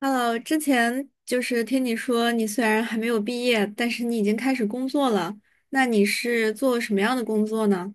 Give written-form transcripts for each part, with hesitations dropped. Hello，之前听你说你虽然还没有毕业，但是你已经开始工作了。那你是做什么样的工作呢？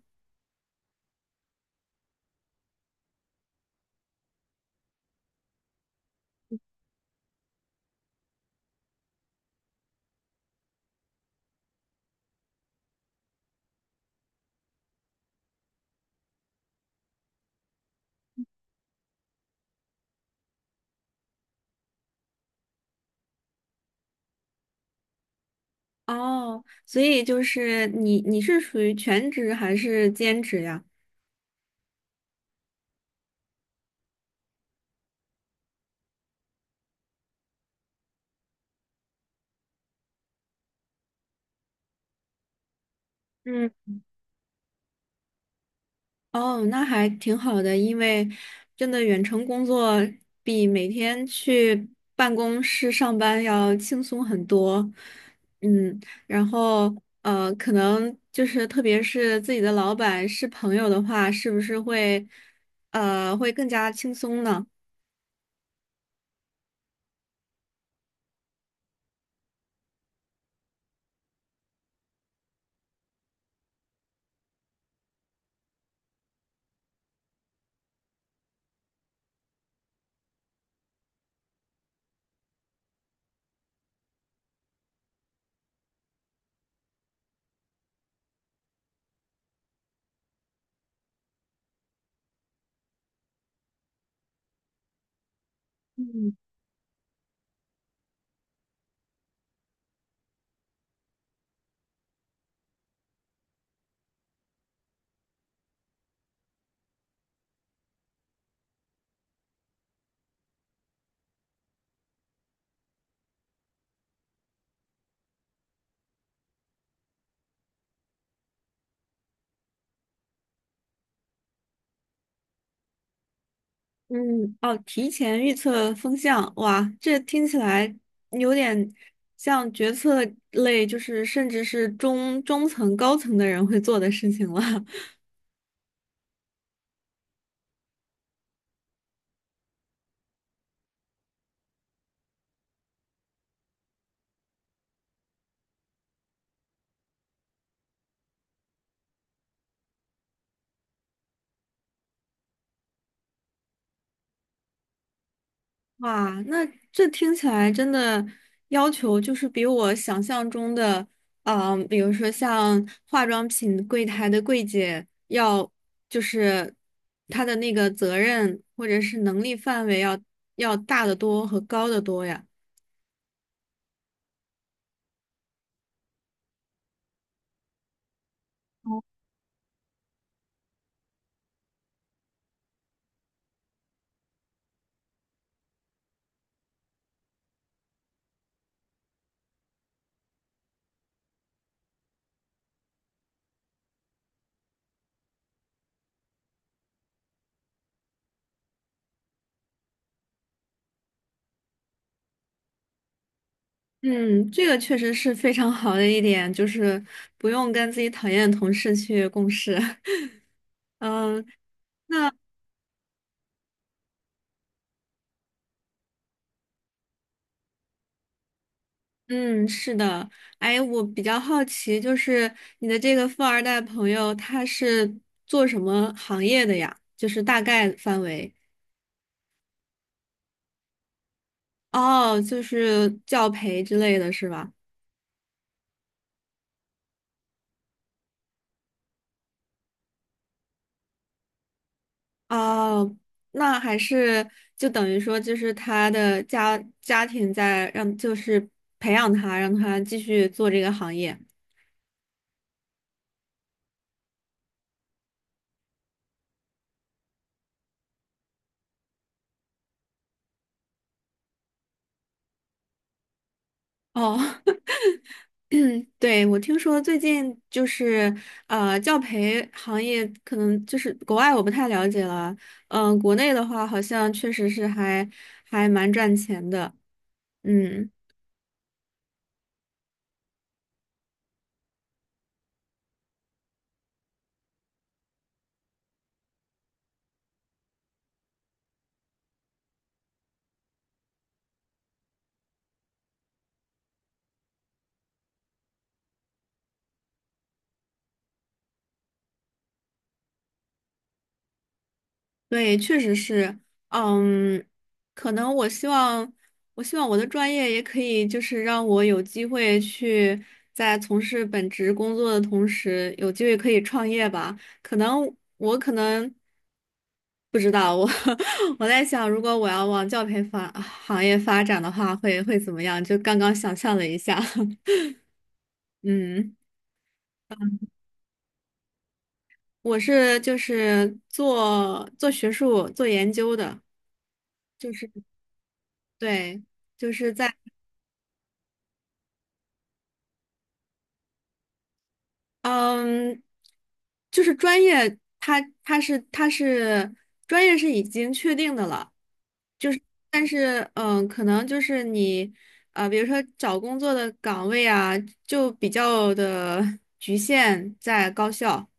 哦，所以你是属于全职还是兼职呀？嗯。哦，那还挺好的，因为真的远程工作比每天去办公室上班要轻松很多。嗯，然后可能特别是自己的老板是朋友的话，是不是会会更加轻松呢？嗯嗯，哦，提前预测风向，哇，这听起来有点像决策类，就是甚至是中层、高层的人会做的事情了。哇，那这听起来真的要求比我想象中的，啊，比如说像化妆品柜台的柜姐要，就是她的那个责任或者是能力范围要大得多和高得多呀。嗯，这个确实是非常好的一点，就是不用跟自己讨厌的同事去共事。嗯，那。嗯，是的，哎，我比较好奇，就是你的这个富二代朋友，他是做什么行业的呀？就是大概范围。哦，就是教培之类的是吧？哦，那还是就等于说，就是他的家庭在让，就是培养他，让他继续做这个行业。哦，对，我听说最近教培行业可能就是国外我不太了解了，嗯、国内的话好像确实是还蛮赚钱的，嗯。对，确实是，嗯，可能我希望，我希望我的专业也可以，就是让我有机会去在从事本职工作的同时，有机会可以创业吧。可能我可能不知道，我 我在想，如果我要往教培行业发展的话，会怎么样？就刚刚想象了一下，嗯，我是做学术、做研究的，就是对。就是在。嗯，就是专业，它是专业是已经确定的了，就是但是嗯，可能就是你比如说找工作的岗位啊，就比较的局限在高校。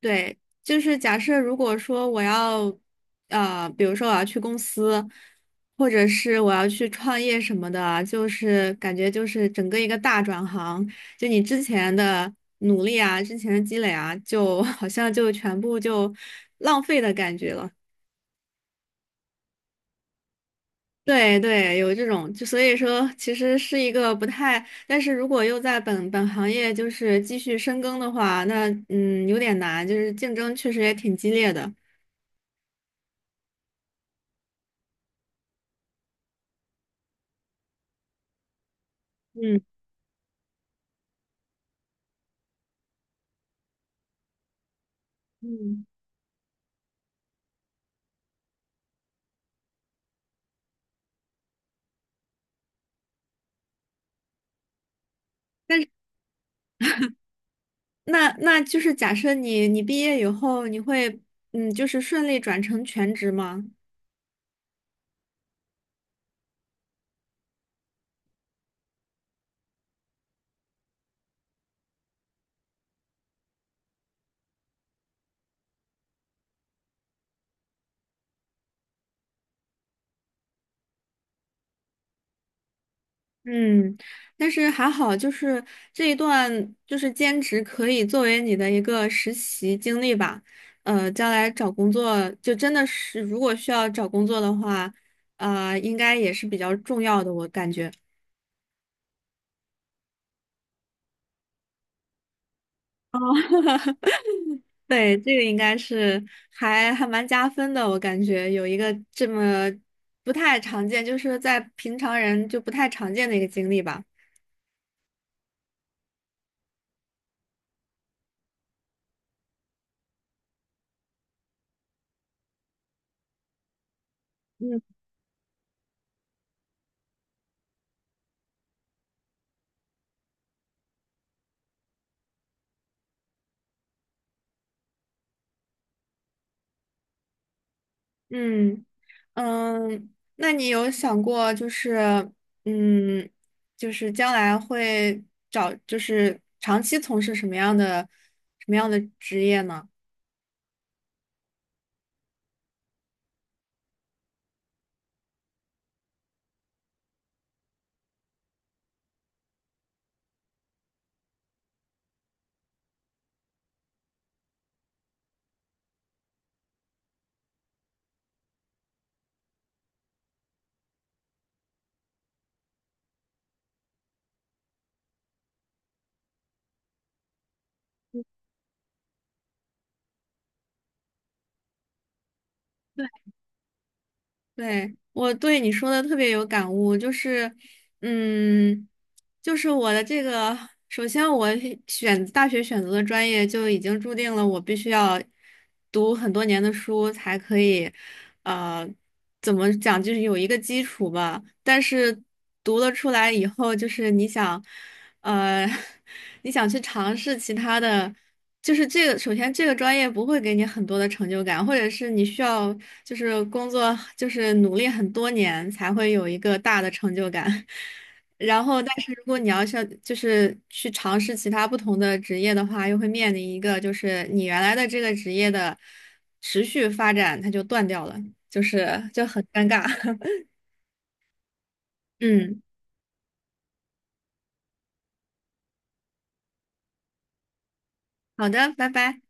对，就是假设如果说我要，呃，比如说我要去公司，或者是我要去创业什么的啊，就是感觉就是整个一个大转行，就你之前的努力啊，之前的积累啊，就 好像就全部就浪费的感觉了。对对，有这种，就所以说其实是一个不太，但是如果又在本行业继续深耕的话，那嗯有点难，就是竞争确实也挺激烈的。嗯嗯。但是那就是假设你毕业以后，你会嗯，就是顺利转成全职吗？嗯，但是还好，就是这一段就是兼职可以作为你的一个实习经历吧。呃，将来找工作就真的是，如果需要找工作的话，呃，应该也是比较重要的，我感觉。哦 对，这个应该是还蛮加分的，我感觉有一个这么不太常见，就是在平常人就不太常见的一个经历吧。嗯，嗯嗯，那你有想过就是嗯，就是将来会找就是长期从事什么样的职业呢？对，我对你说的特别有感悟，就是，嗯，就是我的这个，首先我选大学选择的专业就已经注定了我必须要读很多年的书才可以，呃，怎么讲，就是有一个基础吧。但是读了出来以后，就是你想，呃，你想去尝试其他的。就是这个，首先这个专业不会给你很多的成就感，或者是你需要就是工作就是努力很多年才会有一个大的成就感。然后，但是如果你要是就是去尝试其他不同的职业的话，又会面临一个就是你原来的这个职业的持续发展它就断掉了，就是就很尴尬。嗯，好的，拜拜。